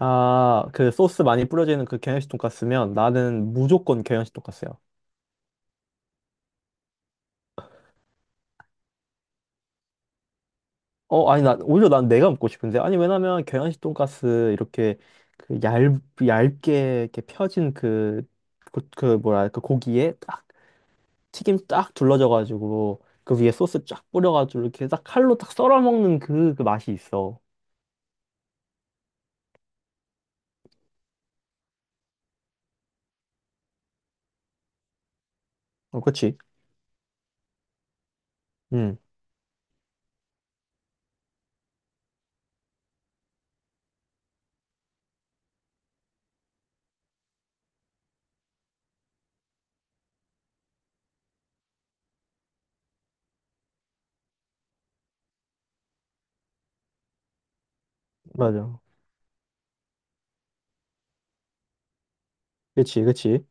아, 그 소스 많이 뿌려지는 그 경양식 돈까스면 나는 무조건 경양식 돈까스야. 어, 아니, 오히려 난 내가 먹고 싶은데. 아니, 왜냐면 경양식 돈까스 이렇게 그 얇, 얇게 이렇게 펴진 그 뭐라, 그 고기에 딱 튀김 딱 둘러져가지고 그 위에 소스 쫙 뿌려가지고 이렇게 딱 칼로 딱 썰어 먹는 그 맛이 있어. 어, 그치? 응, 맞아. 그치, 그치.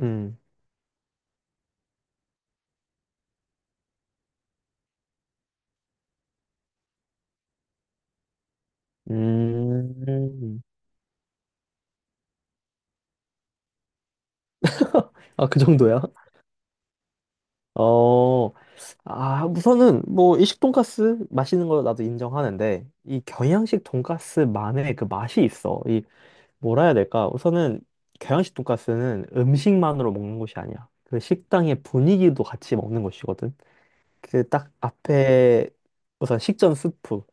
음, 음. 아, 그 정도야? 어, 아, 우선은 뭐 일식 돈가스 맛있는 거 나도 인정하는데 이 경양식 돈가스만의 그 맛이 있어. 이 뭐라 해야 될까? 우선은 경양식 돈가스는 음식만으로 먹는 것이 아니야. 그 식당의 분위기도 같이 먹는 것이거든. 그 딱 앞에 우선 식전 스프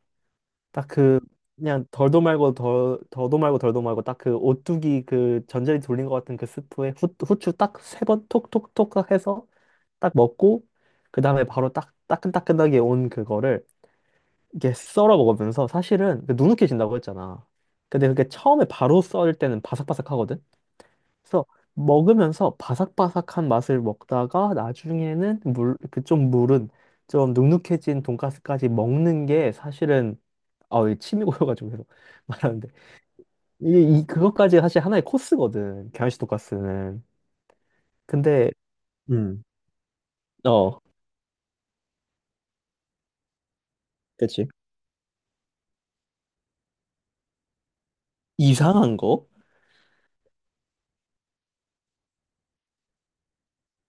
딱 그, 그냥 덜도 말고 덜 더도 말고 덜도 말고 딱 그 오뚜기 그 전자레인지 돌린 것 같은 그 스프에 후추 딱 세 번 톡톡톡 해서 딱 먹고 그 다음에 바로 딱 따끈따끈하게 온 그거를 이렇게 썰어 먹으면서 사실은 그 누눅해진다고 했잖아. 근데 그게 처음에 바로 썰 때는 바삭바삭하거든. 그래서 먹으면서 바삭바삭한 맛을 먹다가 나중에는 물, 그 좀 물은 좀 눅눅해진 돈가스까지 먹는 게 사실은 아우, 이게 침이 고여가지고 계속 말하는데 이게 이 그것까지 사실 하나의 코스거든. 경양식 돈가스는. 근데 음. 어, 그치. 이상한 거?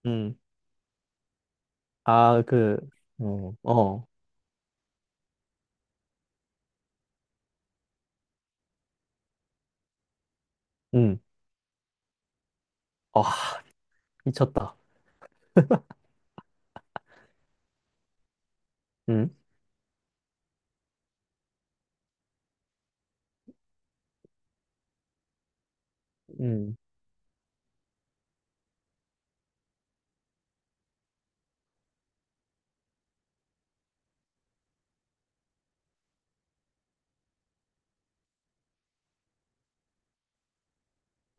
음. 아, 그, 어, 어, 음, 아, 미쳤다. 음, 음,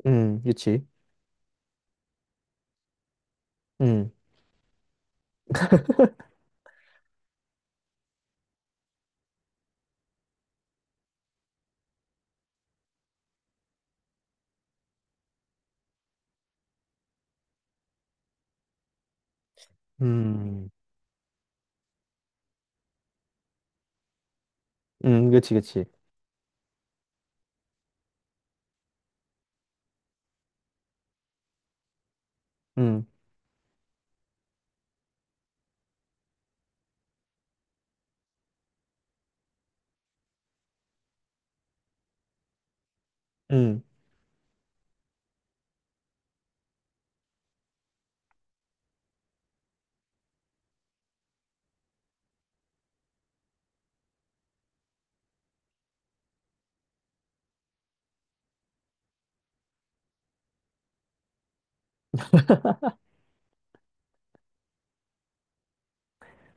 그치. 음, 음, 그치, 그치. 음, 음.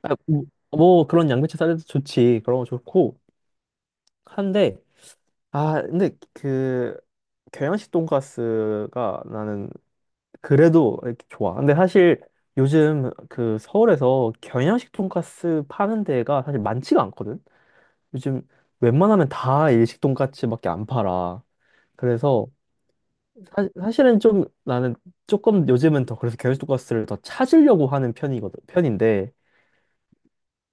아, 뭐, 그런 양배추 샐러드 좋지. 그런 거 좋고. 한데, 아, 근데 그, 경양식 돈가스가 나는 그래도 이렇게 좋아. 근데 사실 요즘 그 서울에서 경양식 돈가스 파는 데가 사실 많지가 않거든? 요즘 웬만하면 다 일식 돈가스밖에 안 팔아. 그래서 실은좀 나는 조금 요즘은 더 그래서 게으르고가스를 더 찾으려고 하는 편이거든 편인데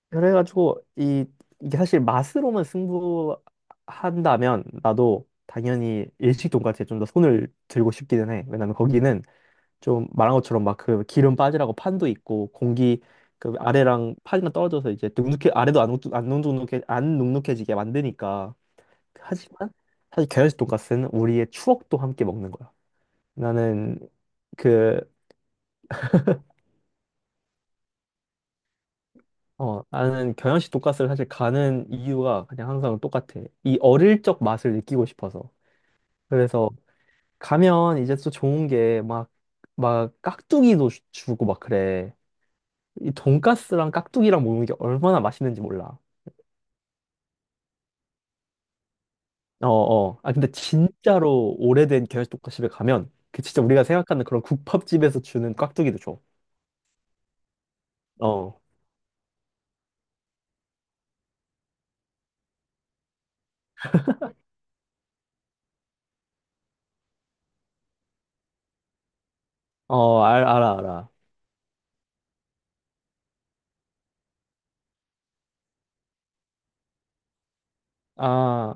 그래가지고 이 이게 사실 맛으로만 승부한다면 나도 당연히 일식 돈까스에 좀 더 손을 들고 싶기는 해. 왜냐면 거기는 좀 말한 것처럼 막 그 기름 빠지라고 판도 있고 공기, 그 아래랑 판이랑 떨어져서 이제 눅눅해 아래도 안 눅눅해지게 만드니까. 하지만 사실 게으르식 돈까스는 우리의 추억도 함께 먹는 거야. 나는 그, 나는 경양식 돈가스를 사실 가는 이유가 그냥 항상 똑같아. 이 어릴 적 맛을 느끼고 싶어서. 그래서 가면 이제 또 좋은 게 막, 막 깍두기도 주고 막 그래. 이 돈가스랑 깍두기랑 먹는 게 얼마나 맛있는지 몰라. 어, 어. 아, 근데 진짜로 오래된 경양식 돈가스집에 가면 그 진짜 우리가 생각하는 그런 국밥집에서 주는 깍두기도 줘. 어, 어, 알아, 알아. 아,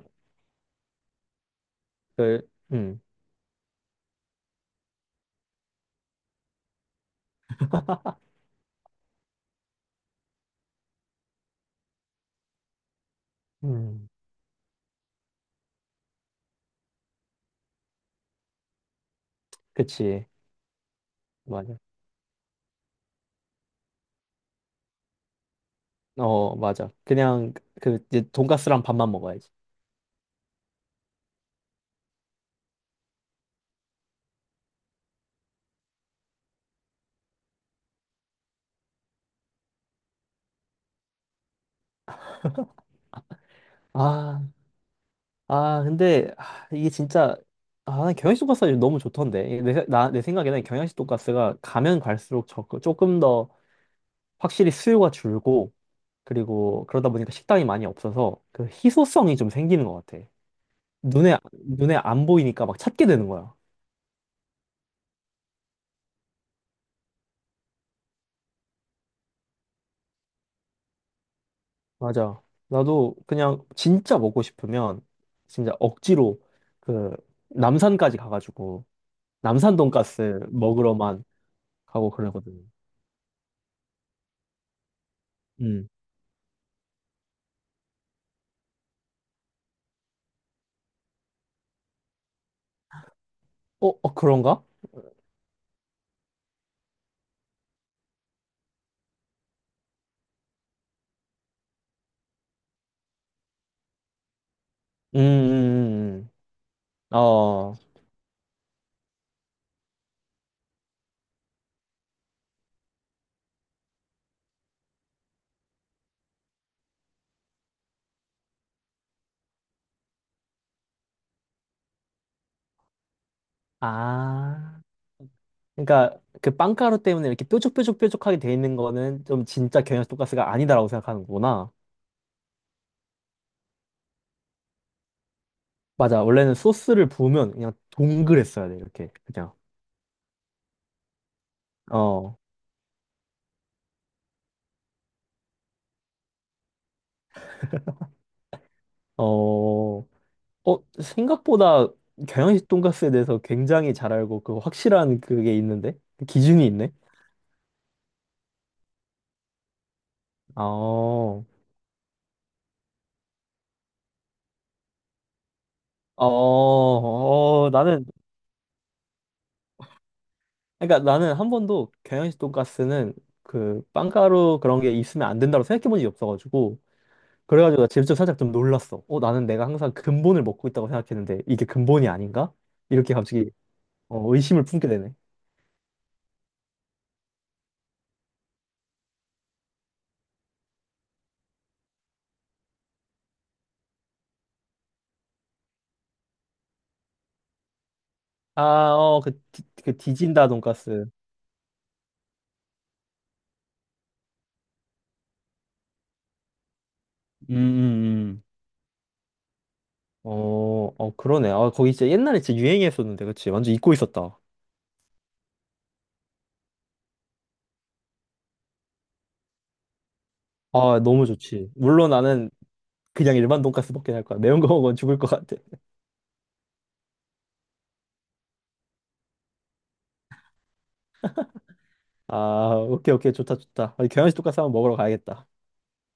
그. 음, 그치. 맞아. 어, 맞아. 그냥 그 이제 돈가스랑 밥만 먹어야지. 아, 아, 근데 아, 이게 진짜 아, 난 경양식 돈가스가 요즘 너무 좋던데. 내 생각에는 경양식 돈가스가 가면 갈수록 조금 더 확실히 수요가 줄고 그리고 그러다 보니까 식당이 많이 없어서 그 희소성이 좀 생기는 것 같아. 눈에 안 보이니까 막 찾게 되는 거야. 맞아. 나도 그냥 진짜 먹고 싶으면 진짜 억지로 그 남산까지 가가지고 남산 돈가스 먹으러만 가고 그러거든요. 음. 어, 어, 그런가? 음, 음, 음. 음. 어. 아. 그러니까 그 빵가루 때문에 이렇게 뾰족뾰족뾰족하게 돼 있는 거는 좀 진짜 경양 돈가스가 아니다라고 생각하는 거구나. 맞아. 원래는 소스를 부으면 그냥 동그랬어야 돼. 이렇게. 그냥. 어. 어. 어, 생각보다 경양식 돈가스에 대해서 굉장히 잘 알고 그 확실한 그게 있는데? 기준이 있네. 어, 어, 어, 나는 그러니까 나는 한 번도 경양식 돈가스는 그 빵가루 그런 게 있으면 안 된다고 생각해 본 적이 없어가지고 그래가지고 나 직접 살짝 좀 놀랐어. 어, 나는 내가 항상 근본을 먹고 있다고 생각했는데 이게 근본이 아닌가? 이렇게 갑자기 어, 의심을 품게 되네. 아, 어, 그, 그 디진다 돈가스. 음, 음, 음. 어, 어, 그러네. 아, 거기 진짜 옛날에 진짜 유행했었는데, 그치? 완전 잊고 있었다. 아, 너무 좋지. 물론 나는 그냥 일반 돈가스 먹긴 할 거야. 매운 거 먹으면 죽을 것 같아. 아, 오케이, 오케이. 좋다, 좋다. 아니, 경양식 돈까스 한번 먹으러 가야겠다.